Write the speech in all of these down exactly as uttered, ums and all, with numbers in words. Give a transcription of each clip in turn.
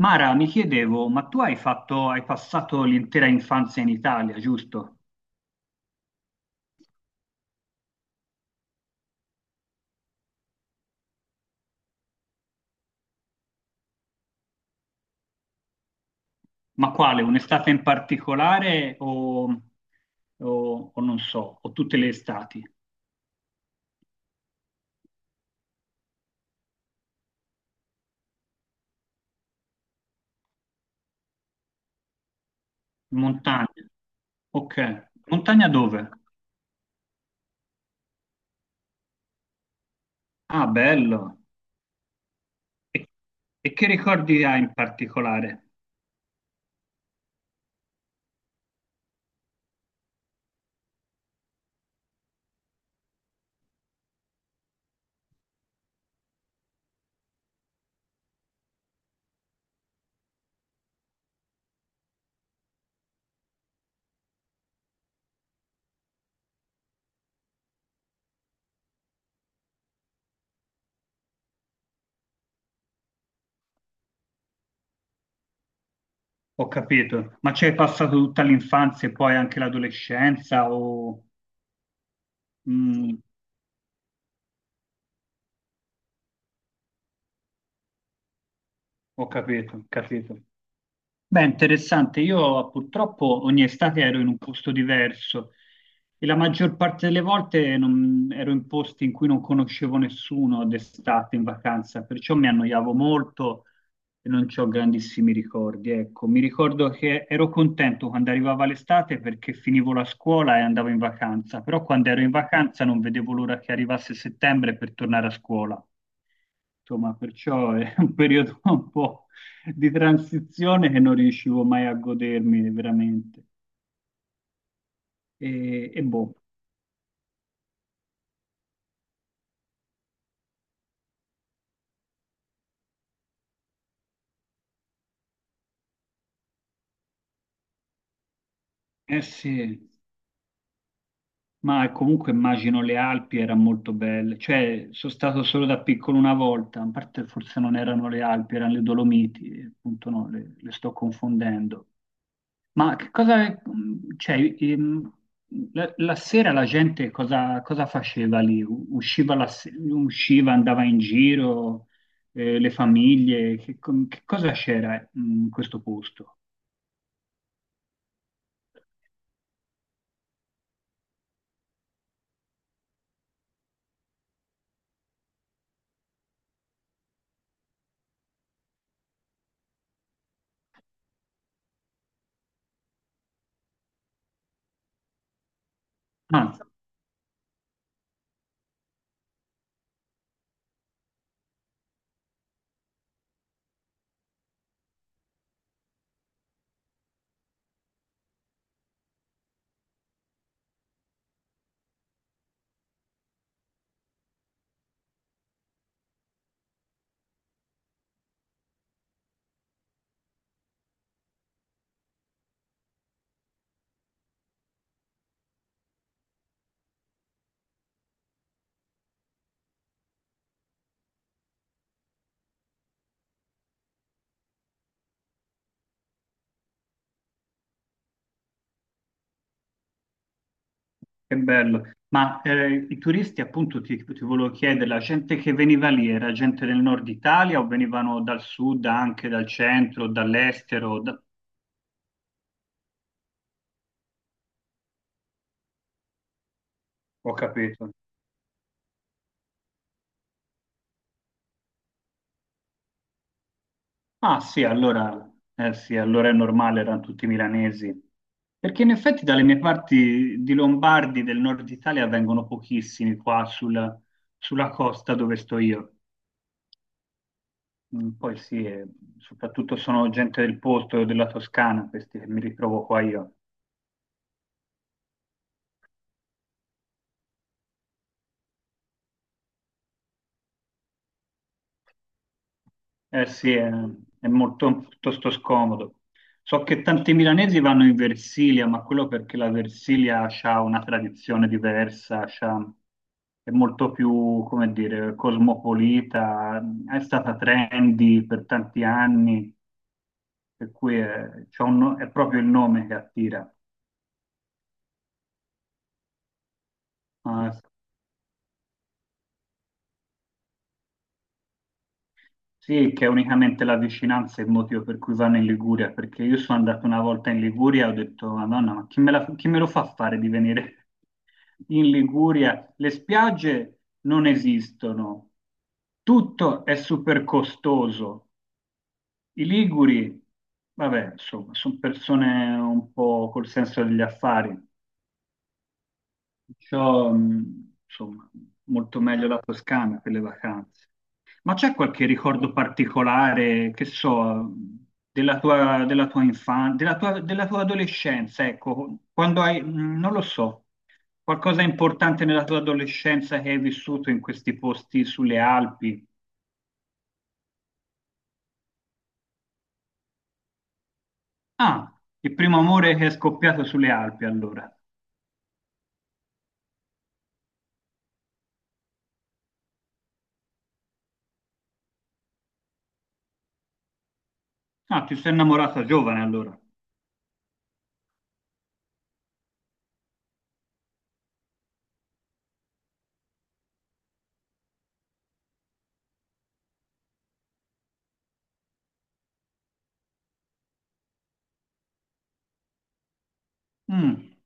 Mara, mi chiedevo, ma tu hai fatto, hai passato l'intera infanzia in Italia, giusto? Ma quale? Un'estate in particolare o, o- o non so, o tutte le estati? Montagne. Ok. Montagna dove? Ah, bello. E, e che ricordi hai in particolare? Ho capito. Ma ci hai passato tutta l'infanzia e poi anche l'adolescenza o... Mm, ho capito, capito. Beh, interessante. Io purtroppo ogni estate ero in un posto diverso e la maggior parte delle volte non- ero in posti in cui non conoscevo nessuno d'estate in vacanza, perciò mi annoiavo molto e non ho grandissimi ricordi. Ecco, mi ricordo che ero contento quando arrivava l'estate perché finivo la scuola e andavo in vacanza, però quando ero in vacanza non vedevo l'ora che arrivasse settembre per tornare a scuola. Insomma, perciò è un periodo un po' di transizione che non riuscivo mai a godermi veramente. E, e boh, eh sì, ma comunque immagino le Alpi erano molto belle. Cioè, sono stato solo da piccolo una volta, a parte forse non erano le Alpi, erano le Dolomiti, appunto no, le, le sto confondendo. Ma che cosa, mm, cioè, ehm, la, la sera la gente cosa, cosa faceva lì? U- Usciva, la se- usciva, andava in giro, eh, le famiglie, che, com- che cosa c'era eh, in questo posto? Ah, che bello. Ma eh, i turisti, appunto, ti, ti volevo chiedere, la gente che veniva lì era gente del nord Italia o venivano dal sud, anche dal centro, dall'estero? Da- Ho capito. Ah sì, allora, eh sì, allora è normale, erano tutti milanesi. Perché in effetti dalle mie parti di Lombardi del nord Italia vengono pochissimi qua sulla, sulla costa dove sto io. Mm, poi sì, eh, soprattutto sono gente del posto, della Toscana, questi che mi ritrovo qua io. Eh sì, è, è molto piuttosto scomodo. So che tanti milanesi vanno in Versilia, ma quello perché la Versilia ha una tradizione diversa, c'ha- è molto più, come dire, cosmopolita, è stata trendy per tanti anni, per cui è, c'ha un no- è proprio il nome che attira. Mm. Ma sì, che è unicamente la vicinanza è il motivo per cui vanno in Liguria, perché io sono andato una volta in Liguria e ho detto, Madonna, ma chi me la- chi me lo fa fare di venire? In Liguria le spiagge non esistono, tutto è super costoso. I liguri, vabbè, insomma, sono persone un po' col senso degli affari, perciò, mh, insomma, molto meglio la Toscana per le vacanze. Ma c'è qualche ricordo particolare, che so, della tua, della tua infanzia, della tua, della tua adolescenza, ecco, quando hai, mh, non lo so. Qualcosa importante nella tua adolescenza che hai vissuto in questi posti sulle Alpi? Ah, il primo amore che è scoppiato sulle Alpi allora. Ah, ti sei innamorata giovane allora. Mm.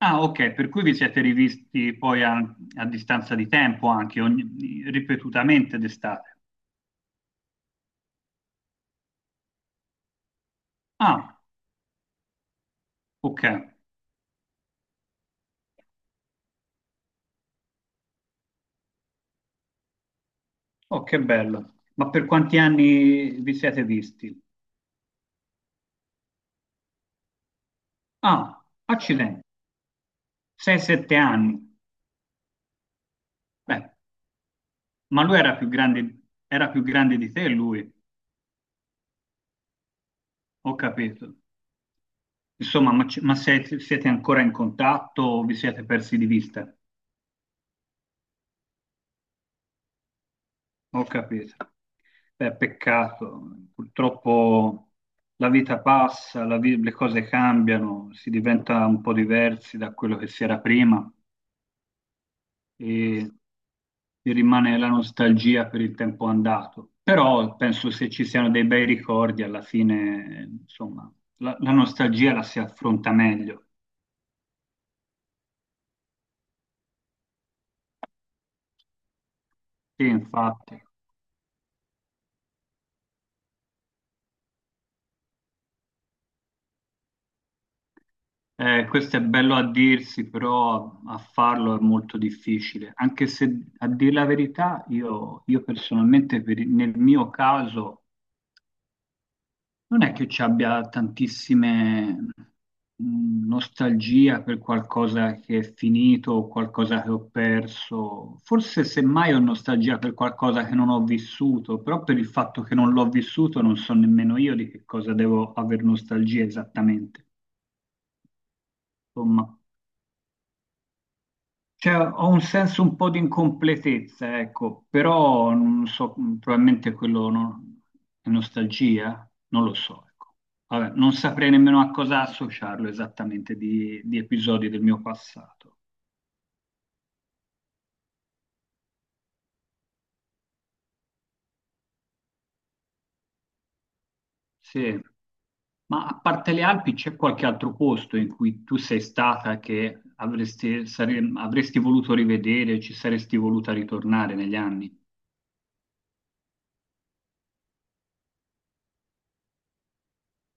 Ah, ok, per cui vi siete rivisti poi a, a distanza di tempo anche, ogni- ripetutamente d'estate. Ah, ok. Oh, che bello. Ma per quanti anni vi siete visti? Ah, accidenti. sei sette anni. Beh, ma lui era più grande, era più grande di te, lui. Ho capito. Insomma, ma, ci- ma se- siete ancora in contatto o vi siete persi di vista? Ho capito. Beh, peccato. Purtroppo la vita passa, la vi- le cose cambiano, si diventa un po' diversi da quello che si era prima e ti rimane la nostalgia per il tempo andato. Però penso se ci siano dei bei ricordi, alla fine, insomma, la, la nostalgia la si affronta meglio. Sì, infatti. Eh, questo è bello a dirsi, però a farlo è molto difficile, anche se a dire la verità io, io personalmente per il- nel mio caso non è che ci abbia tantissime mh, nostalgia per qualcosa che è finito o qualcosa che ho perso, forse semmai ho nostalgia per qualcosa che non ho vissuto, però per il fatto che non l'ho vissuto non so nemmeno io di che cosa devo aver nostalgia esattamente. Insomma. Cioè, ho un senso un po' di incompletezza, ecco, però non so, probabilmente quello non- è nostalgia, non lo so, ecco. Vabbè, non saprei nemmeno a cosa associarlo esattamente di, di episodi del mio passato. Sì, ma a parte le Alpi c'è qualche altro posto in cui tu sei stata che avresti, sare- avresti voluto rivedere, ci saresti voluta ritornare negli anni?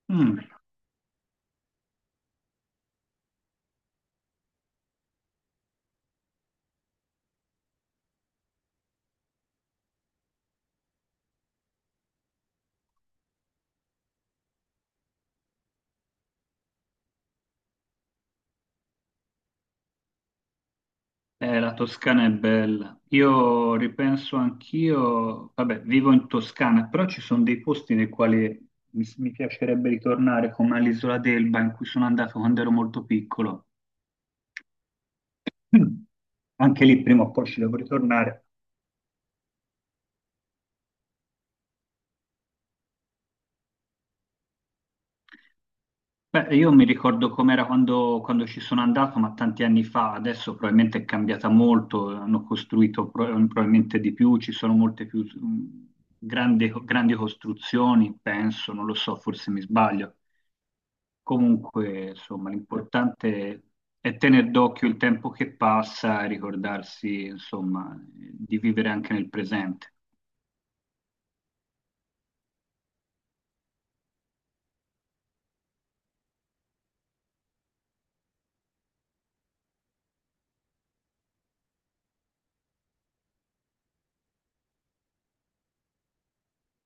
Mm. Eh, la Toscana è bella. Io ripenso anch'io, vabbè, vivo in Toscana, però ci sono dei posti nei quali mi, mi piacerebbe ritornare, come all'Isola d'Elba, in cui sono andato quando ero molto piccolo. Mm. Anche lì prima o poi ci devo ritornare. Beh, io mi ricordo com'era quando, quando ci sono andato, ma tanti anni fa, adesso probabilmente è cambiata molto, hanno costruito pro- probabilmente di più, ci sono molte più mm, grandi grandi costruzioni, penso, non lo so, forse mi sbaglio. Comunque, insomma, l'importante è tenere d'occhio il tempo che passa e ricordarsi, insomma, di vivere anche nel presente.